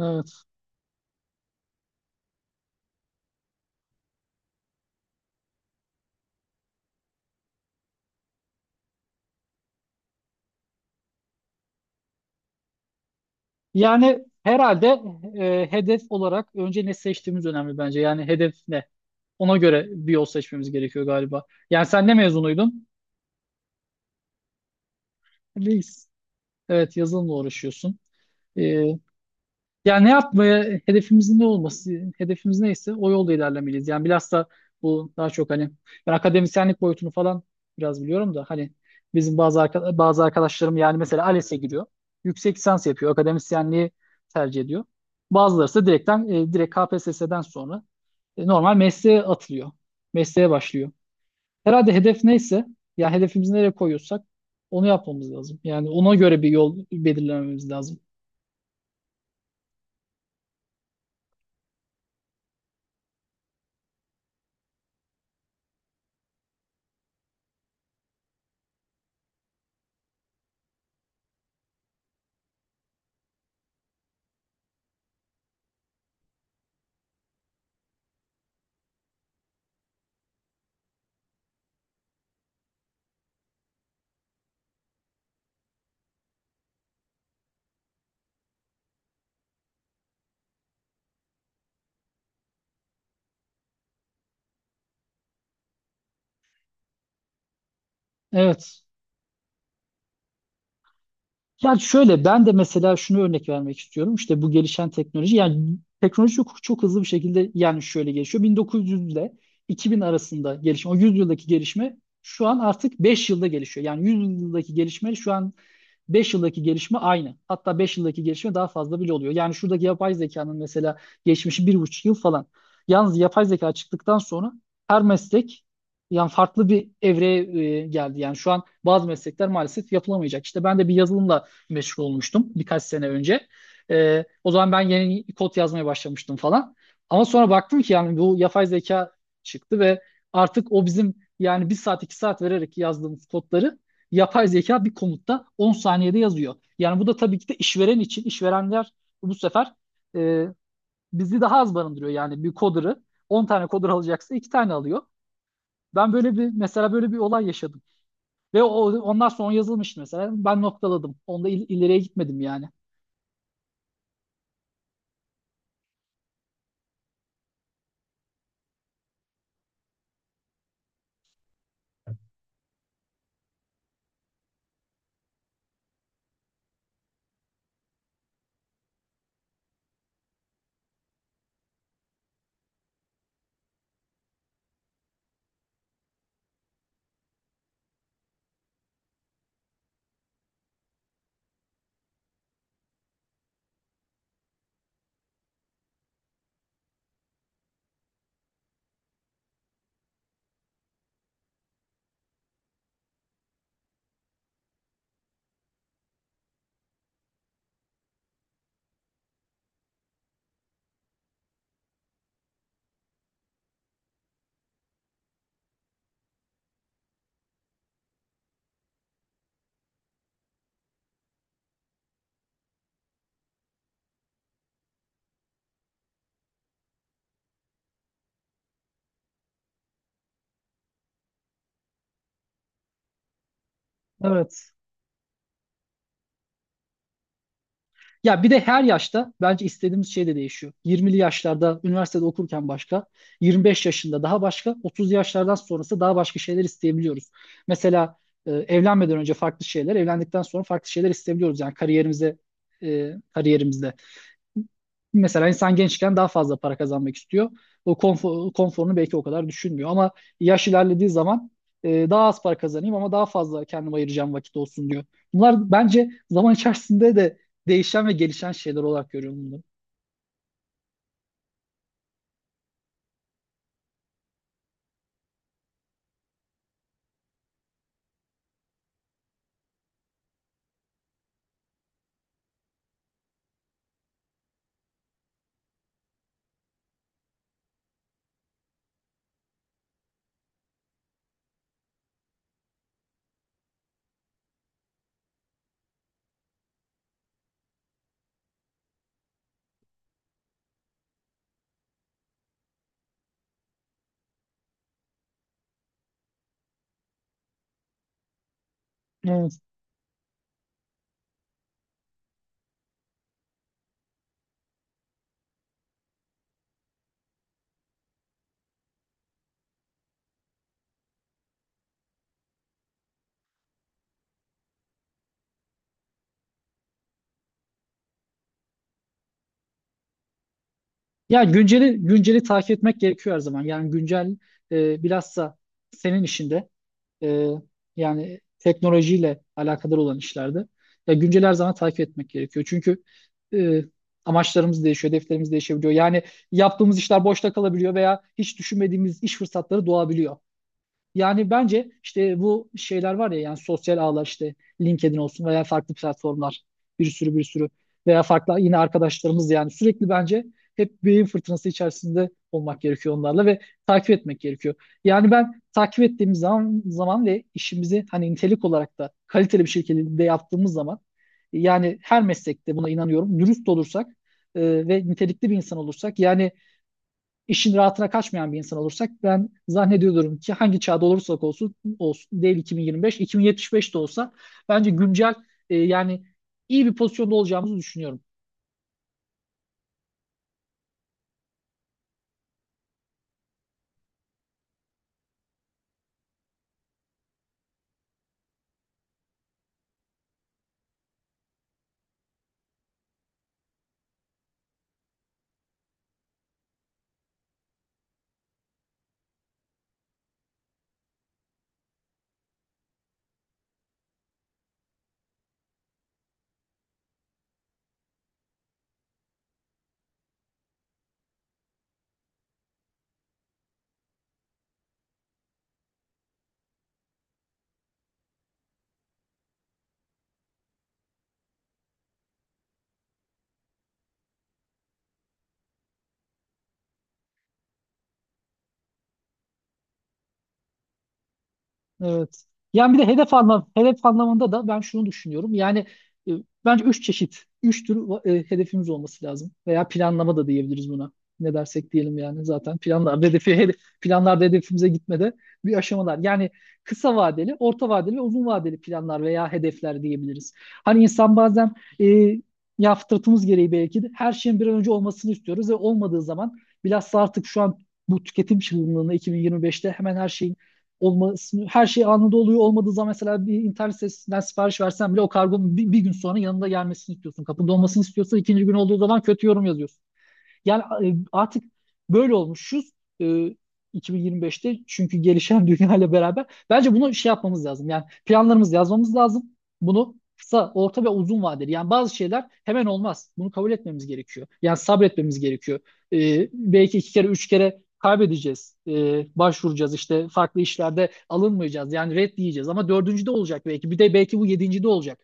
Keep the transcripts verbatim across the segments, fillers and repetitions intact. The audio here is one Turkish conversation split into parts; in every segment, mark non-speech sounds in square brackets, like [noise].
Evet. Yani herhalde e, hedef olarak önce ne seçtiğimiz önemli bence. Yani hedef ne? Ona göre bir yol seçmemiz gerekiyor galiba. Yani sen ne mezunuydun? Biz. Evet, yazılımla uğraşıyorsun. E, Yani ne yapmaya hedefimizin ne olması, hedefimiz neyse o yolda ilerlemeliyiz. Yani bilhassa bu daha çok hani ben akademisyenlik boyutunu falan biraz biliyorum da hani bizim bazı arka- bazı arkadaşlarım yani mesela ALES'e giriyor. Yüksek lisans yapıyor, akademisyenliği tercih ediyor. Bazıları ise direkten e, direkt K P S S'den sonra e, normal mesleğe atılıyor. Mesleğe başlıyor. Herhalde hedef neyse yani hedefimizi nereye koyuyorsak onu yapmamız lazım. Yani ona göre bir yol belirlememiz lazım. Evet. Yani şöyle ben de mesela şunu örnek vermek istiyorum. İşte bu gelişen teknoloji yani teknoloji çok, çok hızlı bir şekilde yani şöyle gelişiyor. bin dokuz yüz ile iki bin arasında gelişme o yüz yıldaki gelişme şu an artık beş yılda gelişiyor. Yani yüz yıldaki gelişme şu an beş yıldaki gelişme aynı. Hatta beş yıldaki gelişme daha fazla bile oluyor. Yani şuradaki yapay zekanın mesela geçmişi bir buçuk yıl falan. Yalnız yapay zeka çıktıktan sonra her meslek yani farklı bir evreye e, geldi. Yani şu an bazı meslekler maalesef yapılamayacak. İşte ben de bir yazılımla meşgul olmuştum birkaç sene önce. E, o zaman ben yeni kod yazmaya başlamıştım falan. Ama sonra baktım ki yani bu yapay zeka çıktı ve artık o bizim yani bir saat iki saat vererek yazdığımız kodları yapay zeka bir komutta on saniyede yazıyor. Yani bu da tabii ki de işveren için, işverenler bu sefer e, bizi daha az barındırıyor. Yani bir coder'ı on tane coder alacaksa iki tane alıyor. Ben böyle bir mesela böyle bir olay yaşadım. Ve o, ondan sonra yazılmıştı mesela. Ben noktaladım. Onda il- ileriye gitmedim yani. Evet. Ya bir de her yaşta bence istediğimiz şey de değişiyor. yirmili yaşlarda üniversitede okurken başka, yirmi beş yaşında daha başka, otuz yaşlardan sonrası daha başka şeyler isteyebiliyoruz. Mesela e, evlenmeden önce farklı şeyler, evlendikten sonra farklı şeyler isteyebiliyoruz. Yani kariyerimize e, kariyerimizde. Mesela insan gençken daha fazla para kazanmak istiyor. O konfor, konforunu belki o kadar düşünmüyor. Ama yaş ilerlediği zaman e, daha az para kazanayım ama daha fazla kendime ayıracağım vakit olsun diyor. Bunlar bence zaman içerisinde de değişen ve gelişen şeyler olarak görüyorum bunları. Evet. Yani günceli günceli takip etmek gerekiyor her zaman. Yani güncel e, bilhassa senin işinde. e, yani teknolojiyle alakadar olan işlerde ya güncel her zaman takip etmek gerekiyor. Çünkü e, amaçlarımız değişiyor, hedeflerimiz değişebiliyor. Yani yaptığımız işler boşta kalabiliyor veya hiç düşünmediğimiz iş fırsatları doğabiliyor. Yani bence işte bu şeyler var ya yani sosyal ağlar işte LinkedIn olsun veya farklı platformlar bir sürü bir sürü veya farklı yine arkadaşlarımız yani sürekli bence hep beyin fırtınası içerisinde olmak gerekiyor onlarla ve takip etmek gerekiyor. Yani ben takip ettiğimiz zaman, zaman ve işimizi hani nitelik olarak da kaliteli bir şekilde yaptığımız zaman yani her meslekte buna inanıyorum dürüst olursak e, ve nitelikli bir insan olursak yani işin rahatına kaçmayan bir insan olursak ben zannediyorum ki hangi çağda olursak olsun, olsun değil iki bin yirmi beş, iki bin yetmiş beş de olsa bence güncel e, yani iyi bir pozisyonda olacağımızı düşünüyorum. Evet. Yani bir de hedef anlam hedef anlamında da ben şunu düşünüyorum. Yani e, bence üç çeşit, üç tür e, hedefimiz olması lazım. Veya planlama da diyebiliriz buna. Ne dersek diyelim yani zaten planlar hedefi hedef, planlarda hedefimize gitmede bir aşamalar. Yani kısa vadeli, orta vadeli ve uzun vadeli planlar veya hedefler diyebiliriz. Hani insan bazen e, ya fıtratımız gereği belki de her şeyin bir an önce olmasını istiyoruz ve olmadığı zaman bilhassa artık şu an bu tüketim çılgınlığına iki bin yirmi beşte hemen her şeyin olmasını her şey anında oluyor. Olmadığı zaman mesela bir internet sitesinden sipariş versen bile o kargonun bir, bir gün sonra yanında gelmesini istiyorsun. Kapında olmasını istiyorsan ikinci gün olduğu zaman kötü yorum yazıyorsun. Yani e, artık böyle olmuşuz e, iki bin yirmi beşte çünkü gelişen [laughs] dünya ile beraber. Bence bunu şey yapmamız lazım. Yani planlarımızı yazmamız lazım. Bunu kısa, orta ve uzun vadeli. Yani bazı şeyler hemen olmaz. Bunu kabul etmemiz gerekiyor. Yani sabretmemiz gerekiyor. E, belki iki kere, üç kere kaybedeceğiz. E, başvuracağız işte farklı işlerde alınmayacağız. Yani red diyeceğiz ama dördüncü de olacak belki. Bir de belki bu yedinci de olacak.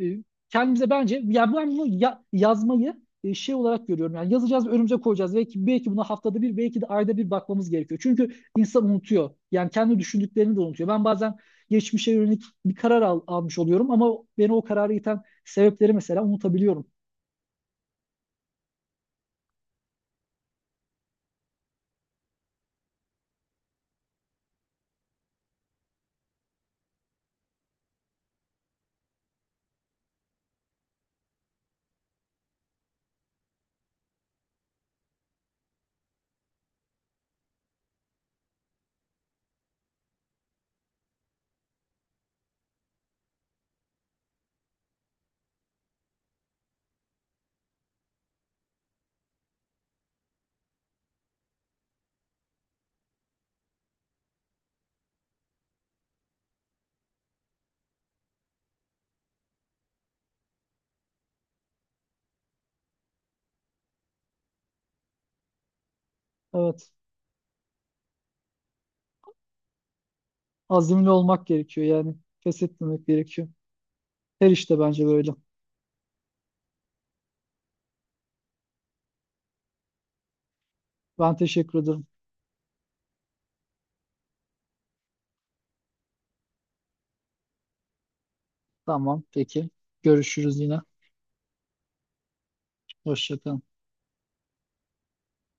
E, Kendimize bence yani ben bunu ya- yazmayı e, şey olarak görüyorum. Yani yazacağız ve önümüze koyacağız. Belki, belki buna haftada bir, belki de ayda bir bakmamız gerekiyor. Çünkü insan unutuyor. Yani kendi düşündüklerini de unutuyor. Ben bazen geçmişe yönelik bir karar al- almış oluyorum ama beni o kararı iten sebepleri mesela unutabiliyorum. Evet. Azimli olmak gerekiyor yani. Pes etmemek gerekiyor. Her işte bence böyle. Ben teşekkür ederim. Tamam, peki. Görüşürüz yine. Hoşça kalın.